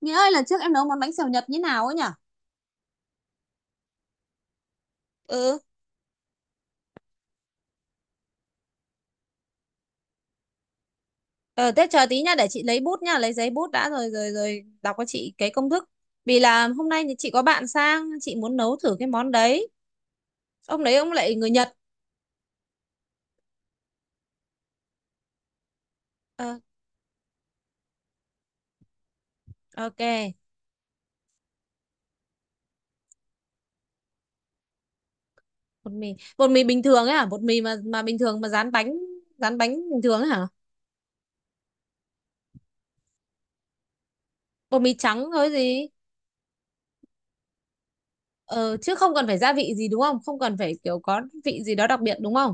Nghĩa ơi, lần trước em nấu món bánh xèo Nhật như nào ấy nhỉ? Ừ, ờ, thế chờ tí nha, để chị lấy bút nha, lấy giấy bút đã rồi rồi rồi đọc cho chị cái công thức. Vì là hôm nay thì chị có bạn sang, chị muốn nấu thử cái món đấy. Ông đấy ông lại người Nhật. Ờ, ok. Bột mì, bột mì bình thường ấy hả? Bột mì mà bình thường mà rán bánh bình thường ấy hả? Bột mì trắng thôi gì? Ờ, chứ không cần phải gia vị gì đúng không? Không cần phải kiểu có vị gì đó đặc biệt đúng không?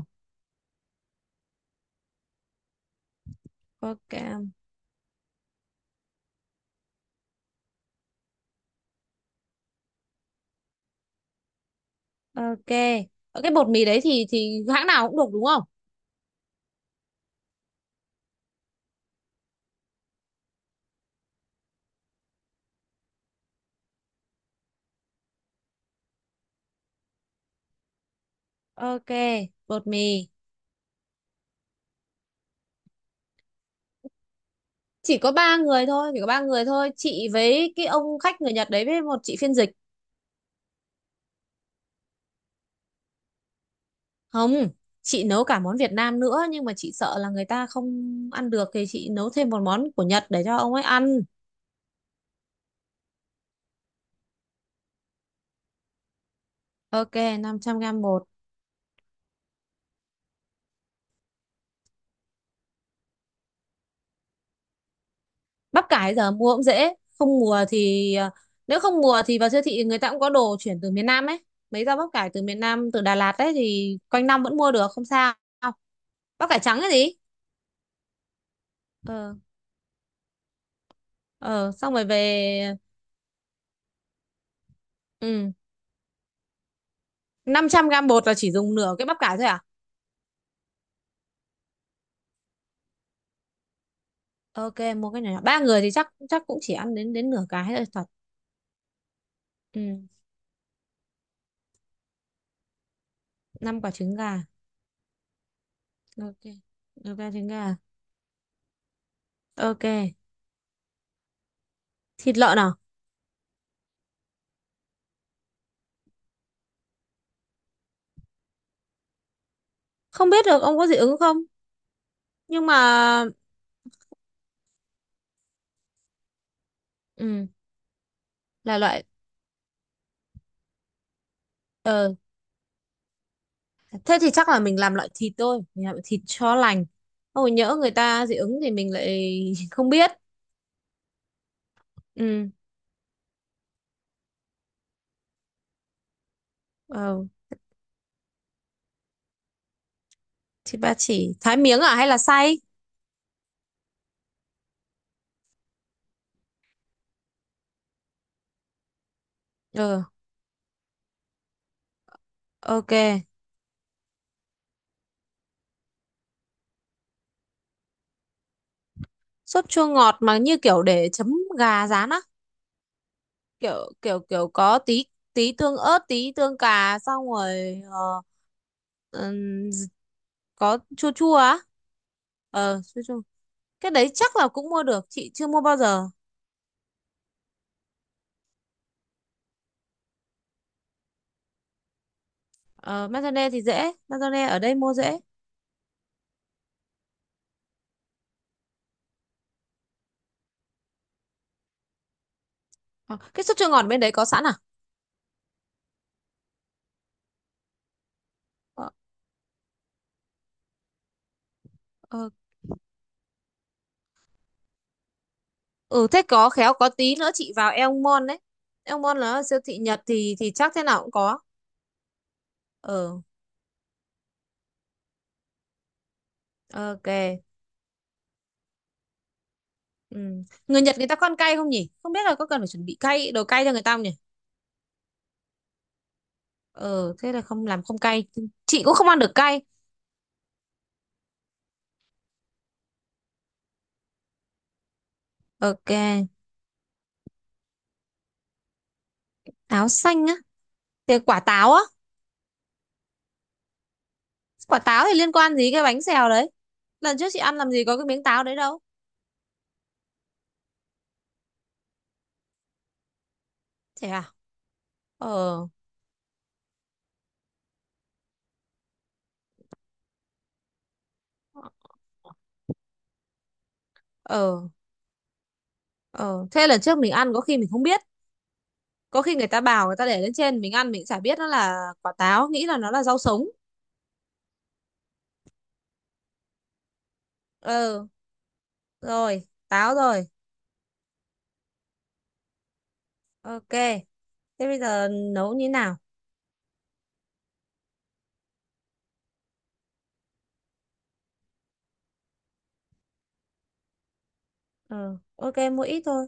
Ok, ok. Ờ, cái bột mì đấy thì hãng nào cũng được đúng không? Ok, bột mì. Chỉ có 3 người thôi, chỉ có ba người thôi. Chị với cái ông khách người Nhật đấy với một chị phiên dịch. Không, chị nấu cả món Việt Nam nữa nhưng mà chị sợ là người ta không ăn được thì chị nấu thêm một món của Nhật để cho ông ấy ăn. Ok, 500 gram bột. Bắp cải giờ mua cũng dễ, không mùa thì à, nếu không mùa thì vào siêu thị người ta cũng có đồ chuyển từ miền Nam ấy. Mấy rau bắp cải từ miền Nam, từ Đà Lạt ấy thì quanh năm vẫn mua được, không sao. Bắp cải trắng cái gì? Ờ, ờ, xong rồi về. Ừ, 500 gam bột là chỉ dùng nửa cái bắp cải thôi à? Ok, mua cái này. 3 người thì chắc chắc cũng chỉ ăn đến đến nửa cái thôi thật. Ừ, 5 quả trứng gà. Ok. Ok, trứng gà. Ok. Thịt lợn à? Không biết được ông có dị ứng không? Nhưng mà ừ, là loại, ờ thế thì chắc là mình làm loại thịt thôi, mình làm thịt cho lành. Ôi nhỡ người ta dị ứng thì mình lại không biết. Ừ. Ờ, thịt ba chỉ thái miếng à hay là xay? Ừ, ok. Sốt chua ngọt mà như kiểu để chấm gà rán á. Kiểu kiểu kiểu có tí tí tương ớt, tí tương cà, xong rồi ờ, ừm, có chua chua á, ờ chua chua. Cái đấy chắc là cũng mua được, chị chưa mua bao giờ. Ờ mayonnaise thì dễ, mayonnaise ở đây mua dễ. Ờ, cái sốt chua ngọt bên đấy có sẵn à? Ờ, ờ. Ừ thế có khéo có tí nữa chị vào Elmon đấy. Elmon là siêu thị Nhật thì chắc thế nào cũng có. Ờ, ok. Ừ. Người Nhật người ta có ăn cay không nhỉ, không biết là có cần phải chuẩn bị cay, đồ cay cho người ta không nhỉ? Ờ thế là không làm không cay. Chị cũng không ăn được cay. Ok. Táo xanh á? Thì quả táo á? Quả táo thì liên quan gì cái bánh xèo đấy, lần trước chị ăn làm gì có cái miếng táo đấy đâu. Thế à? Ờ. Ờ, ờ thế lần trước mình ăn có khi mình không biết, có khi người ta bảo người ta để lên trên mình ăn mình chả biết nó là quả táo, nghĩ là nó là rau sống. Ờ, rồi táo rồi. Ok, thế bây giờ nấu như thế nào? Ờ ok, mua ít thôi.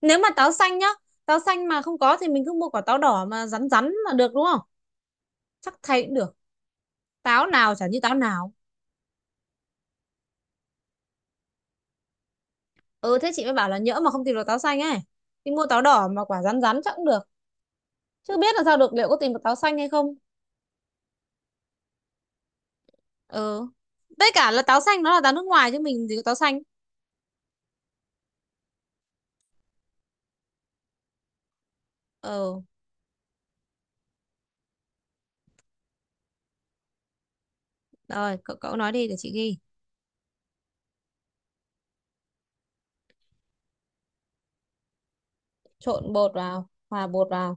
Nếu mà táo xanh nhá, táo xanh mà không có thì mình cứ mua quả táo đỏ mà rắn rắn là được đúng không, chắc thay cũng được, táo nào chả như táo nào. Ừ thế chị mới bảo là nhỡ mà không tìm được táo xanh ấy thì mua táo đỏ mà quả rắn rắn chắc cũng được, chứ biết là sao được liệu có tìm được táo xanh hay không. Ừ với cả là táo xanh nó là táo nước ngoài chứ mình gì có táo xanh. Ừ rồi cậu, cậu nói đi để chị ghi. Trộn bột vào, hòa bột vào.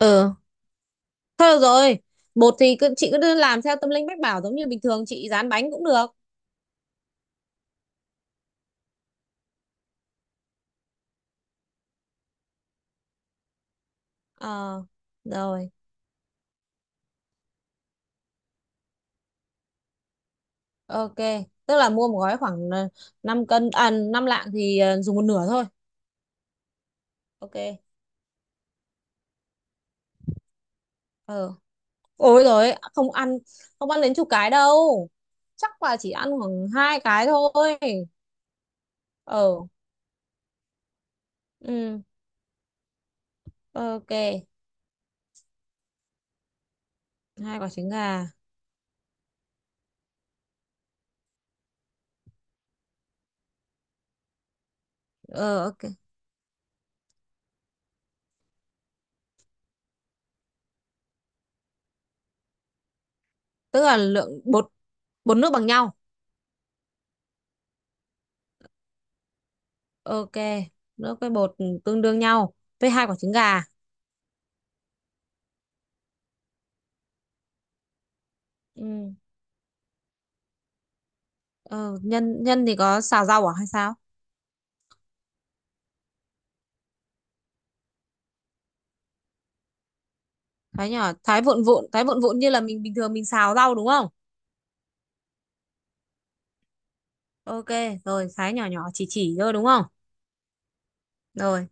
Ừ, thôi được rồi. Bột thì cứ, chị cứ làm theo tâm linh mách bảo giống như bình thường chị rán bánh cũng được. Ờ rồi, ok. Tức là mua một gói khoảng ờ, 5 cân à 5 lạng thì dùng một nửa thôi. Ok. Ờ, ôi rồi không ăn, không ăn đến chục cái đâu. Chắc là chỉ ăn khoảng 2 cái thôi. Ờ. Ừ, ok. Hai quả trứng gà. Ờ ok, tức là lượng bột, bột nước bằng nhau. Ok, nước với bột tương đương nhau, với 2 quả trứng gà. Ừ. Ờ nhân, thì có xào rau à hay sao? Thái nhỏ, thái vụn vụn, thái vụn vụn như là mình bình thường mình xào rau đúng không? Ok, rồi thái nhỏ nhỏ, chỉ thôi đúng không? Rồi,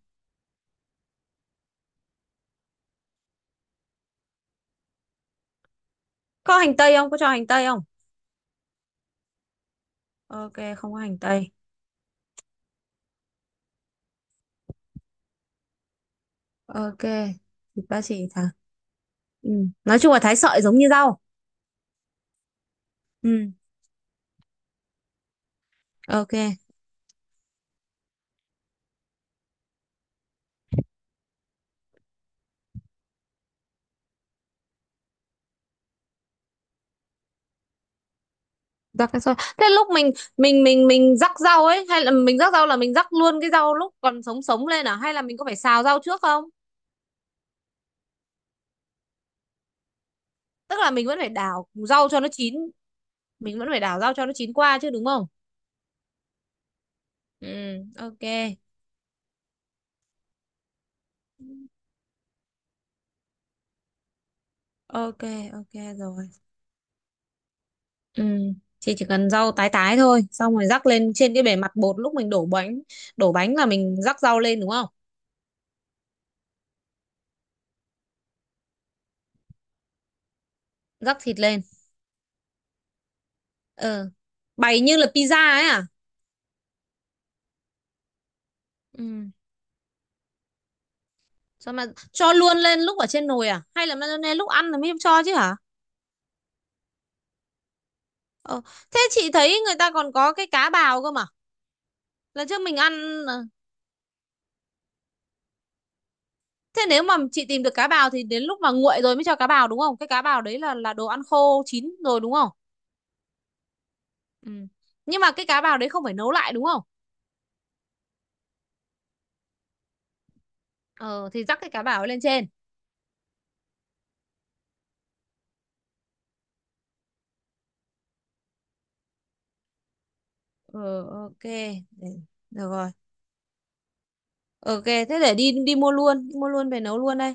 có hành tây không? Có cho hành tây không? Ok, không có hành tây. Ok, thịt ba chỉ thả. Ừ. Nói chung là thái sợi giống như rau. Ừ, ok. Rắc cái sợi. Thế lúc mình mình rắc rau ấy, hay là mình rắc rau là mình rắc luôn cái rau lúc còn sống sống lên à, hay là mình có phải xào rau trước không? Tức là mình vẫn phải đảo rau cho nó chín, mình vẫn phải đảo rau cho nó chín qua chứ đúng không? Ừ, ok. Ok, ok rồi. Ừ. Chị chỉ cần rau tái tái thôi xong rồi rắc lên trên cái bề mặt bột lúc mình đổ bánh, đổ bánh là mình rắc rau lên đúng không, rắc thịt lên. Ờ bày như là pizza ấy à? Ừ. Sao mà cho luôn lên lúc ở trên nồi à, hay là mayonnaise lúc ăn là mới cho chứ hả? Ờ. Thế chị thấy người ta còn có cái cá bào cơ mà, lần trước mình ăn. Ờ, thế nếu mà chị tìm được cá bào thì đến lúc mà nguội rồi mới cho cá bào đúng không, cái cá bào đấy là đồ ăn khô, chín rồi đúng không? Ừ. Nhưng mà cái cá bào đấy không phải nấu lại đúng không? Ờ thì dắt cái cá bảo lên trên. Ờ ok. Để-, được rồi, ok. Thế để đi, đi mua luôn, đi mua luôn về nấu luôn đây.